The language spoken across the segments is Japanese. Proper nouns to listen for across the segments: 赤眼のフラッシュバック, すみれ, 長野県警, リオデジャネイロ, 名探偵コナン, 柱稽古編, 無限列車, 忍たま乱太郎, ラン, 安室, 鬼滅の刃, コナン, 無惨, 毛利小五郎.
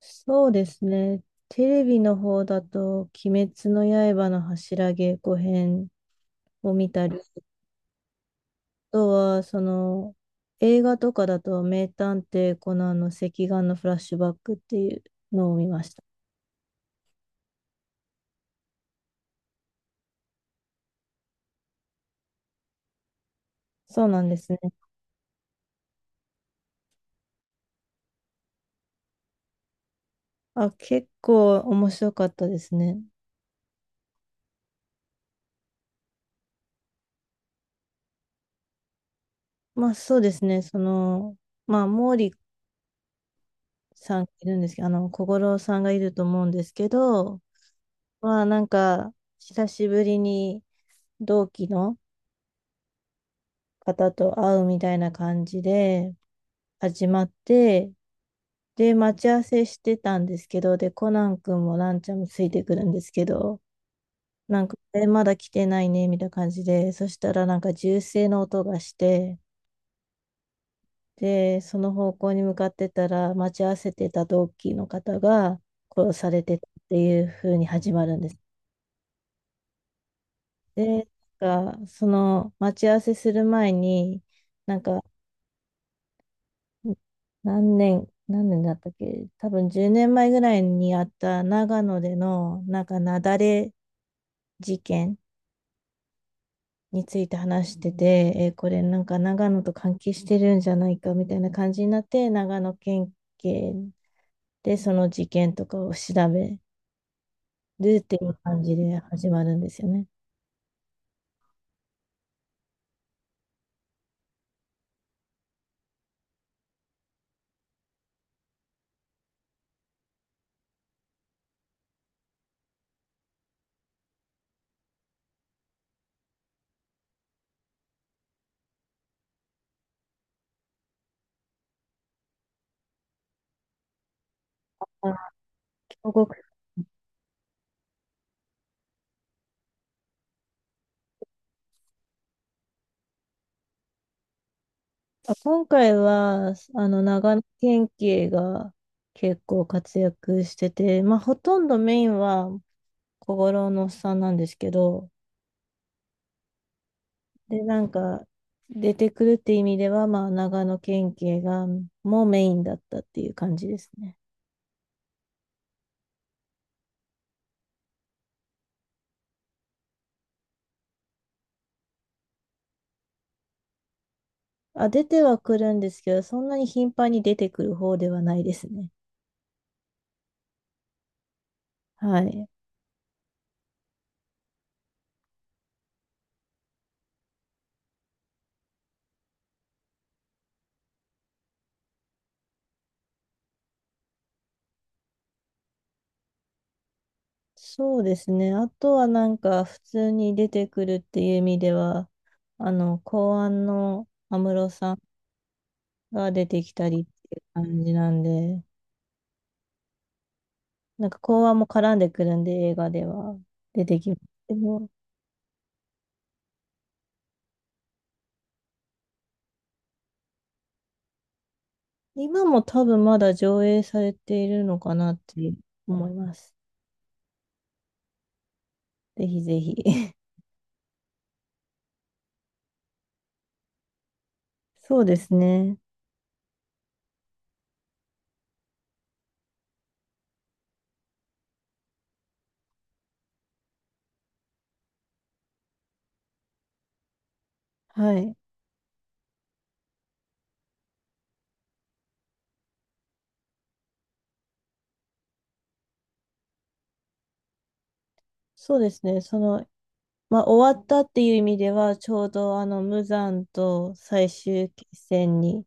そうですね。テレビの方だと、鬼滅の刃の柱稽古編を見たり、あとは、その、映画とかだと、名探偵コナンの赤眼のフラッシュバックっていうのを見ました。そうなんですね。あ、結構面白かったですね。そうですね。毛利さんがいるんですけど、小五郎さんがいると思うんですけど、まあなんか、久しぶりに同期の、方と会うみたいな感じで始まって、で、待ち合わせしてたんですけど、で、コナン君もランちゃんもついてくるんですけど、え、まだ来てないね、みたいな感じで、そしたらなんか銃声の音がして、で、その方向に向かってたら、待ち合わせてた同期の方が殺されてたっていう風に始まるんです。で、なんか、その待ち合わせする前に、なんか、ん何年、何年だったっけ多分10年前ぐらいにあった長野での、なんか雪崩事件について話してて、これなんか長野と関係してるんじゃないかみたいな感じになって、長野県警でその事件とかを調べるっていう感じで始まるんですよね。あごくあ、今回は、長野県警が結構活躍してて、まあ、ほとんどメインは小五郎のおっさんなんですけど、で、なんか、出てくるって意味では、まあ、長野県警が、もうメインだったっていう感じですね。あ、出てはくるんですけど、そんなに頻繁に出てくる方ではないですね。はい。そうですね。あとはなんか、普通に出てくるっていう意味では、公安の安室さんが出てきたりっていう感じなんで、なんか公安も絡んでくるんで、映画では出てきますけど。今も多分まだ上映されているのかなって思います。ぜひぜひ。そうですね。はい。そうですね。終わったっていう意味では、ちょうど無惨と最終決戦に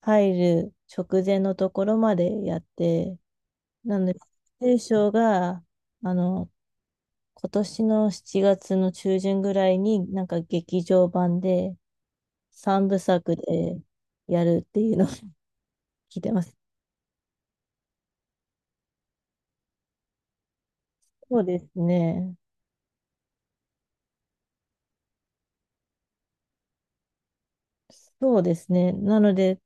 入る直前のところまでやって、なので、聖書が、あの、今年の7月の中旬ぐらいになんか劇場版で3部作でやるっていうのを聞いてます。そうですね。そうですね。なので、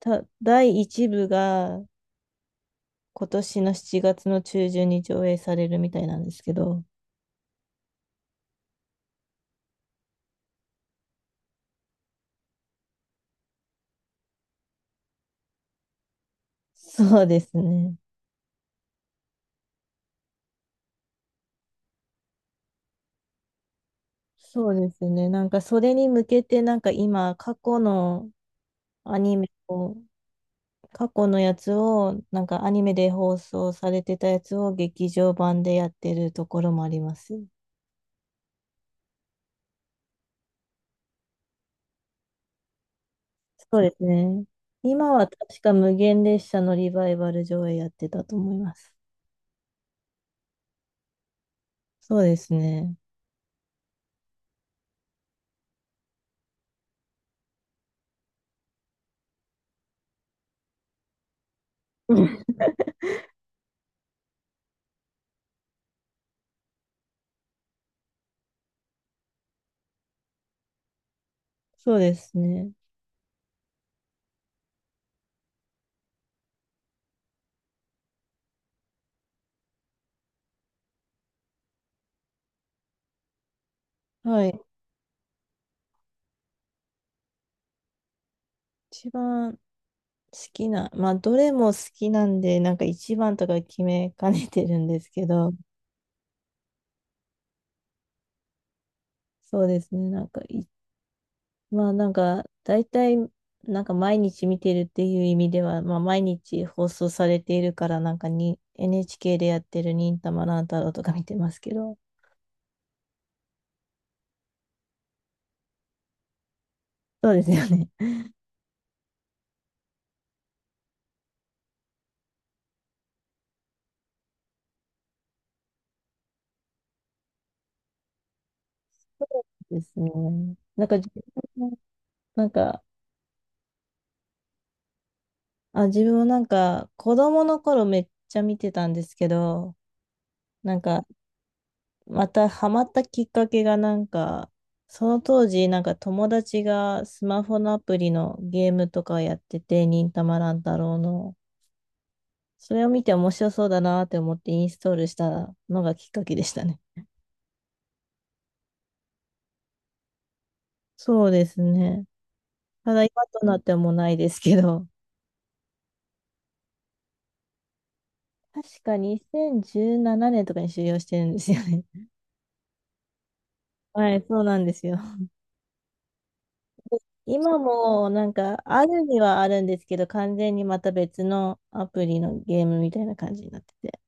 第1部が今年の7月の中旬に上映されるみたいなんですけど、そうですね。そうですね。なんかそれに向けて、なんか今、過去のアニメを、過去のやつを、なんかアニメで放送されてたやつを劇場版でやってるところもあります。そうですね。今は確か無限列車のリバイバル上映やってたと思います。そうですね。うん そうですね。はい。一番好きな、まあ、どれも好きなんで、なんか一番とか決めかねてるんですけど、そうですね。なんかい、まあ、なんか、大体、なんか毎日見てるっていう意味では、まあ、毎日放送されているから、なんかに、NHK でやってる忍たま乱太郎とか見てますけど、そうですよね。ですね。なんか、自分もなんか、あ、自分もなんか、子供の頃めっちゃ見てたんですけど、なんか、またハマったきっかけがなんか、その当時なんか友達がスマホのアプリのゲームとかやってて、忍たま乱太郎の。それを見て面白そうだなって思ってインストールしたのがきっかけでしたね。そうですね。ただ今となってはもうないですけど、確か2017年とかに終了してるんですよね。はい、そうなんですよ。今もなんかあるにはあるんですけど、完全にまた別のアプリのゲームみたいな感じになってて。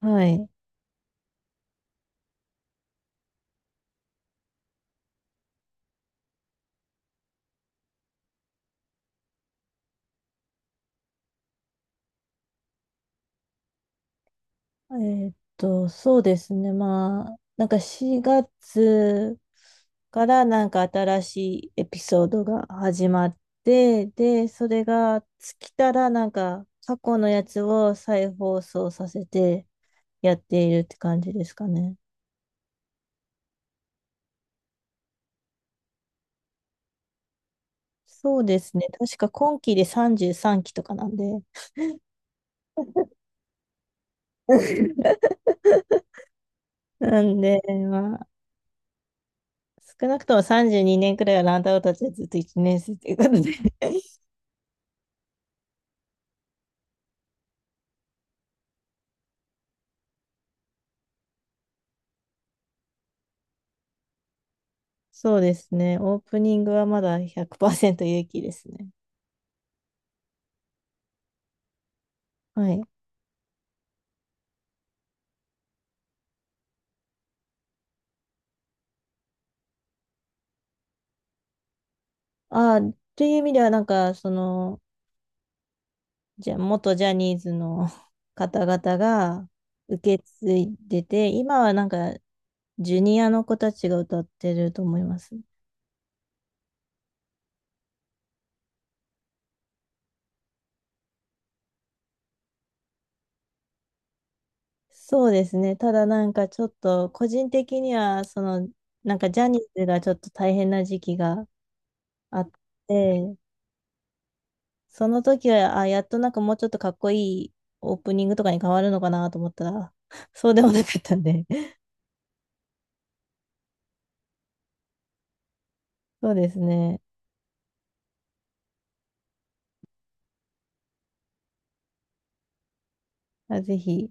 はい。そうですね。まあ、なんか4月からなんか新しいエピソードが始まって、で、それが尽きたらなんか過去のやつを再放送させてやっているって感じですかね。そうですね。確か今期で33期とかなんで。なんで、まあ、少なくとも32年くらいはランタオたちはずっと1年生ということで、そうですね。オープニングはまだ100%勇気ですね。はい。ああ、という意味では、じゃ、元ジャニーズの 方々が受け継いでて、今はなんか、ジュニアの子たちが歌ってると思います。そうですね。ただなんか、ちょっと、個人的には、ジャニーズがちょっと大変な時期があって、その時は、あ、やっとなんかもうちょっとかっこいいオープニングとかに変わるのかなと思ったら、そうでもなかったんで。そうですね。あ、ぜひ。